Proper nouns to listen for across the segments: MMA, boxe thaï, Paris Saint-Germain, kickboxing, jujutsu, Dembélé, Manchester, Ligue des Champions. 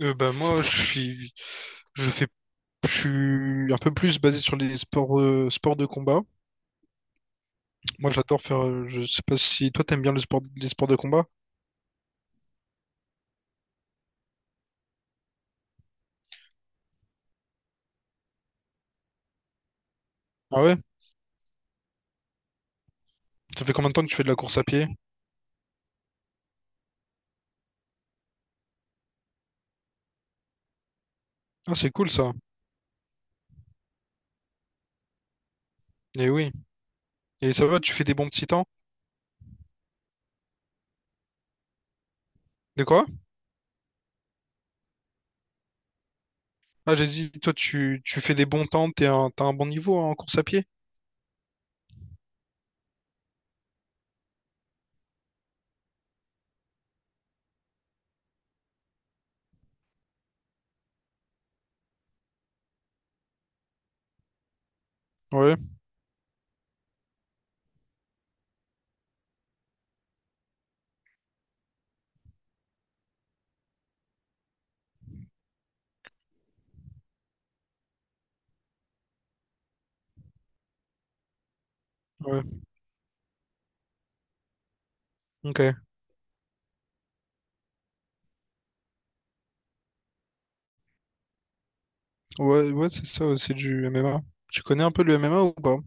Bah moi je suis je fais je suis un peu plus basé sur les sports sports de combat. Moi j'adore faire je sais pas si toi t'aimes bien le sport les sports de combat. Ah ouais? Ça fait combien de temps que tu fais de la course à pied? Ah c'est cool ça. Et oui. Et ça va, tu fais des bons petits temps? De quoi? Ah, j'ai dit, toi, tu fais des bons temps, t'as un bon niveau hein, en course à pied? Ouais, ouais, ok. Ouais, ouais, c'est ça, ouais, c'est du MMA. Tu connais un peu le MMA ou pas?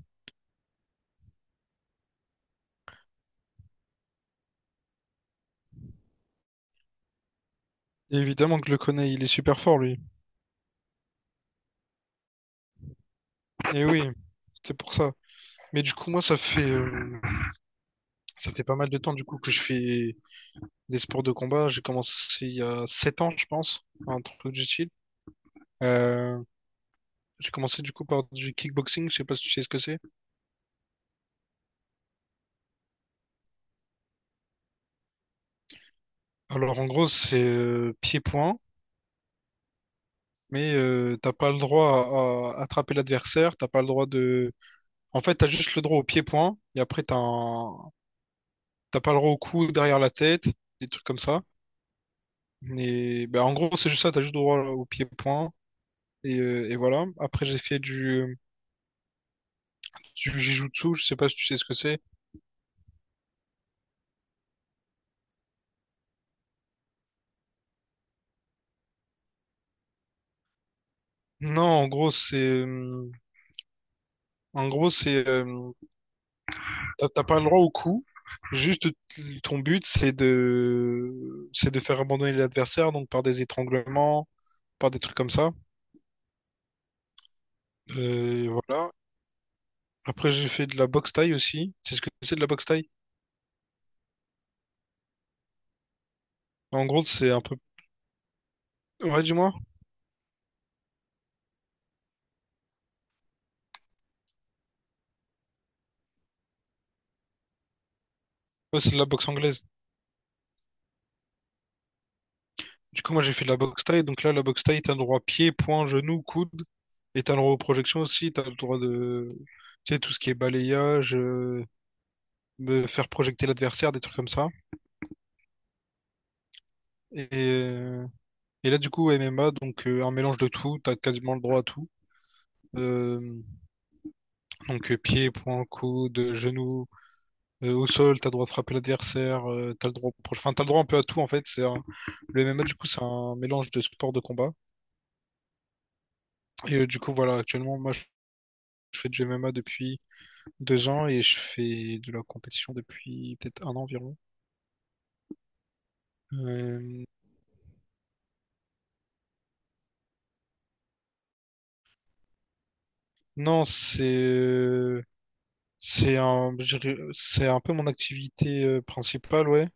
Évidemment que je le connais, il est super fort, lui. Et oui, c'est pour ça. Mais du coup, moi, ça fait pas mal de temps, du coup, que je fais des sports de combat. J'ai commencé il y a 7 ans, je pense, un truc du style. Euh, J'ai commencé du coup par du kickboxing, je sais pas si tu sais ce que c'est. Alors en gros, c'est pied-point, mais t'as pas le droit à attraper l'adversaire, t'as pas le droit de… En fait, t'as juste le droit au pied-point, et après t'as un… t'as pas le droit au coup derrière la tête, des trucs comme ça. Et bah, en gros, c'est juste ça, t'as juste le droit au pied-point, et voilà. Après, du jujutsu, je sais pas si tu sais ce que c'est. Non, en gros, c'est… T'as pas le droit au coup. Juste ton but, c'est de faire abandonner l'adversaire, donc par des étranglements, par des trucs comme ça. Voilà. Après, j'ai fait de la boxe thaï aussi. C'est ce que c'est de la boxe thaï. En gros, c'est un peu. Ouais, dis-moi. Ouais, c'est de la boxe anglaise. Du coup, moi, j'ai fait de la boxe thaï. Donc là, la boxe thaï, t'as le droit pied, poing, genou, coude. Et t'as le droit aux projections aussi. T'as le droit de. Tu sais, tout ce qui est balayage, de faire projeter l'adversaire, des trucs comme ça. Et. euh, Et là, du coup, MMA, donc un mélange de tout, t'as quasiment le droit à tout. Euh, Pied, poing, coude, genou, au sol, t'as le droit de frapper l'adversaire, t'as le droit, enfin t'as le droit un peu à tout en fait. Le MMA du coup, c'est un mélange de sport de combat. Et du coup, voilà, actuellement, moi, je fais du MMA depuis 2 ans et je fais de la compétition depuis peut-être 1 an environ. Euh, non, c'est un, c'est un peu mon activité principale, ouais.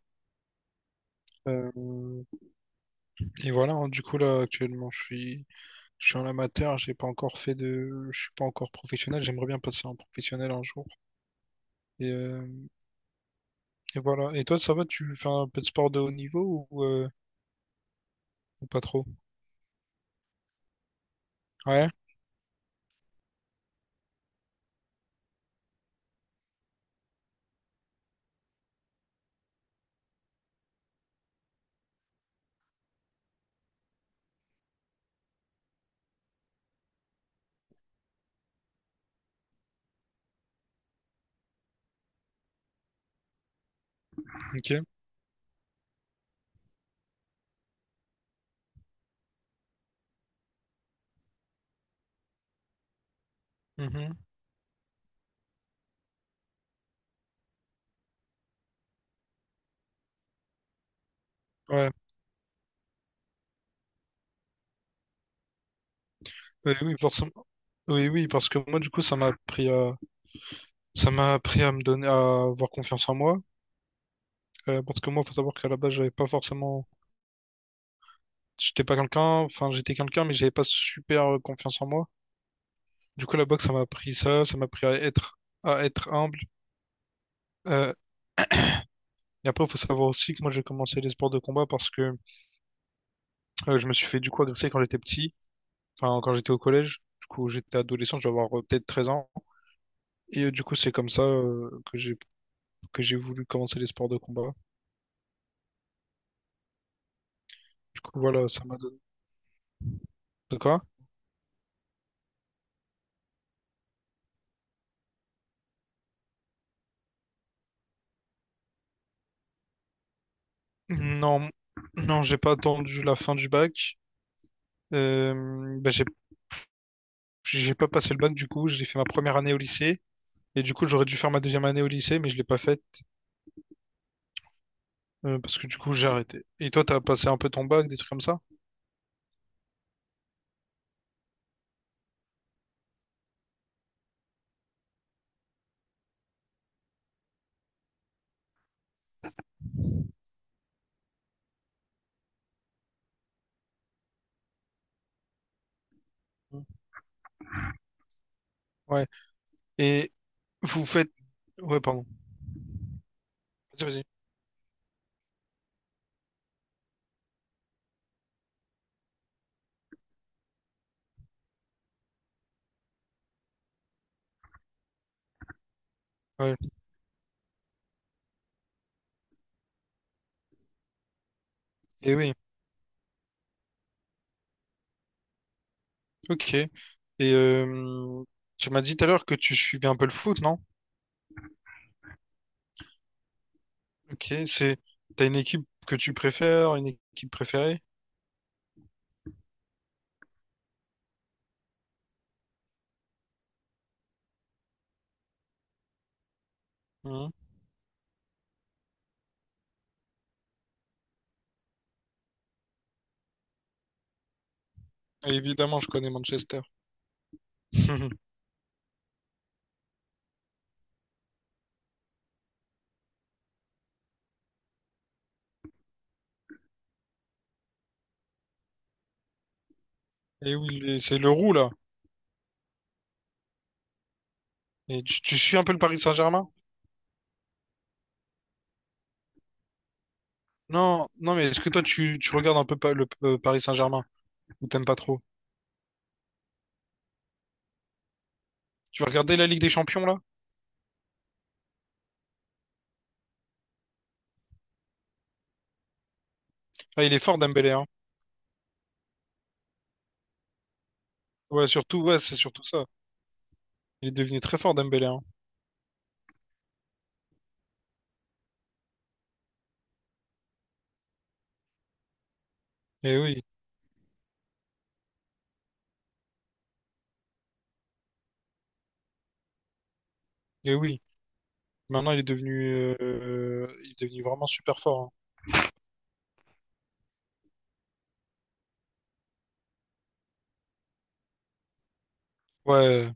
Euh, Et voilà, hein, du coup là actuellement je suis en amateur, j'ai pas encore fait de je suis pas encore professionnel, j'aimerais bien passer en professionnel un jour. Et, euh, et voilà. Et toi ça va, tu fais un peu de sport de haut niveau ou ou pas trop? Ouais, ok. Mhm. Ouais. Oui, oui, forcément. Oui, oui, parce que moi du coup ça m'a appris à me donner à avoir confiance en moi. Parce que moi, faut savoir qu'à la base, j'étais pas quelqu'un, enfin j'étais quelqu'un, mais j'avais pas super confiance en moi. Du coup, la boxe, ça m'a appris ça, ça m'a appris à être humble. Euh, et après, il faut savoir aussi que moi, j'ai commencé les sports de combat parce que je me suis fait du coup agresser quand j'étais petit, enfin, quand j'étais au collège. Du coup, j'étais adolescent, je dois avoir peut-être 13 ans. Et du coup, c'est comme ça que j'ai voulu commencer les sports de combat. Du coup, voilà, ça m'a donné de quoi? Non, non, j'ai pas attendu la fin du bac. Euh, bah, j'ai pas passé le bac, du coup, j'ai fait ma première année au lycée. Et du coup, j'aurais dû faire ma deuxième année au lycée, mais je l'ai pas faite. Parce que du coup, j'ai arrêté. Et toi, t'as passé un peu ton bac, des trucs comme ça? Ouais. Et vous faites… Ouais, pardon. Vas-y, vas-y. Ouais. Et oui. Ok. Et euh, tu m'as dit tout à l'heure que tu suivais un peu le foot, non? Ok, c'est t'as une équipe que tu préfères, une équipe préférée? Mhm. Et évidemment, je connais Manchester. Et oui, les- c'est le roux là. Et tu suis un peu le Paris Saint-Germain? Non, non, mais est-ce que toi tu regardes un peu le Paris Saint-Germain ou t'aimes pas trop? Tu vas regarder la Ligue des Champions là? Ah, il est fort Dembélé, hein. Ouais, surtout, ouais, c'est surtout ça. Il est devenu très fort Dembélé, hein. Et oui, et oui. Maintenant, il est devenu vraiment super fort, hein. Ouais.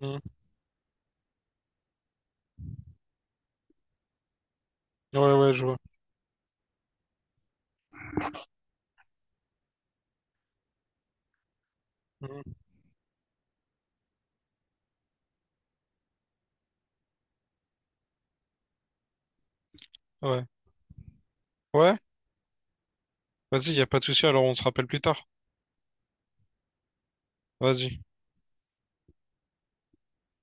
Mm. Ouais, ouais, je vois. Mm. Ouais. Ouais. Vas-y, y a pas de souci. Alors, on se rappelle plus tard. Vas-y.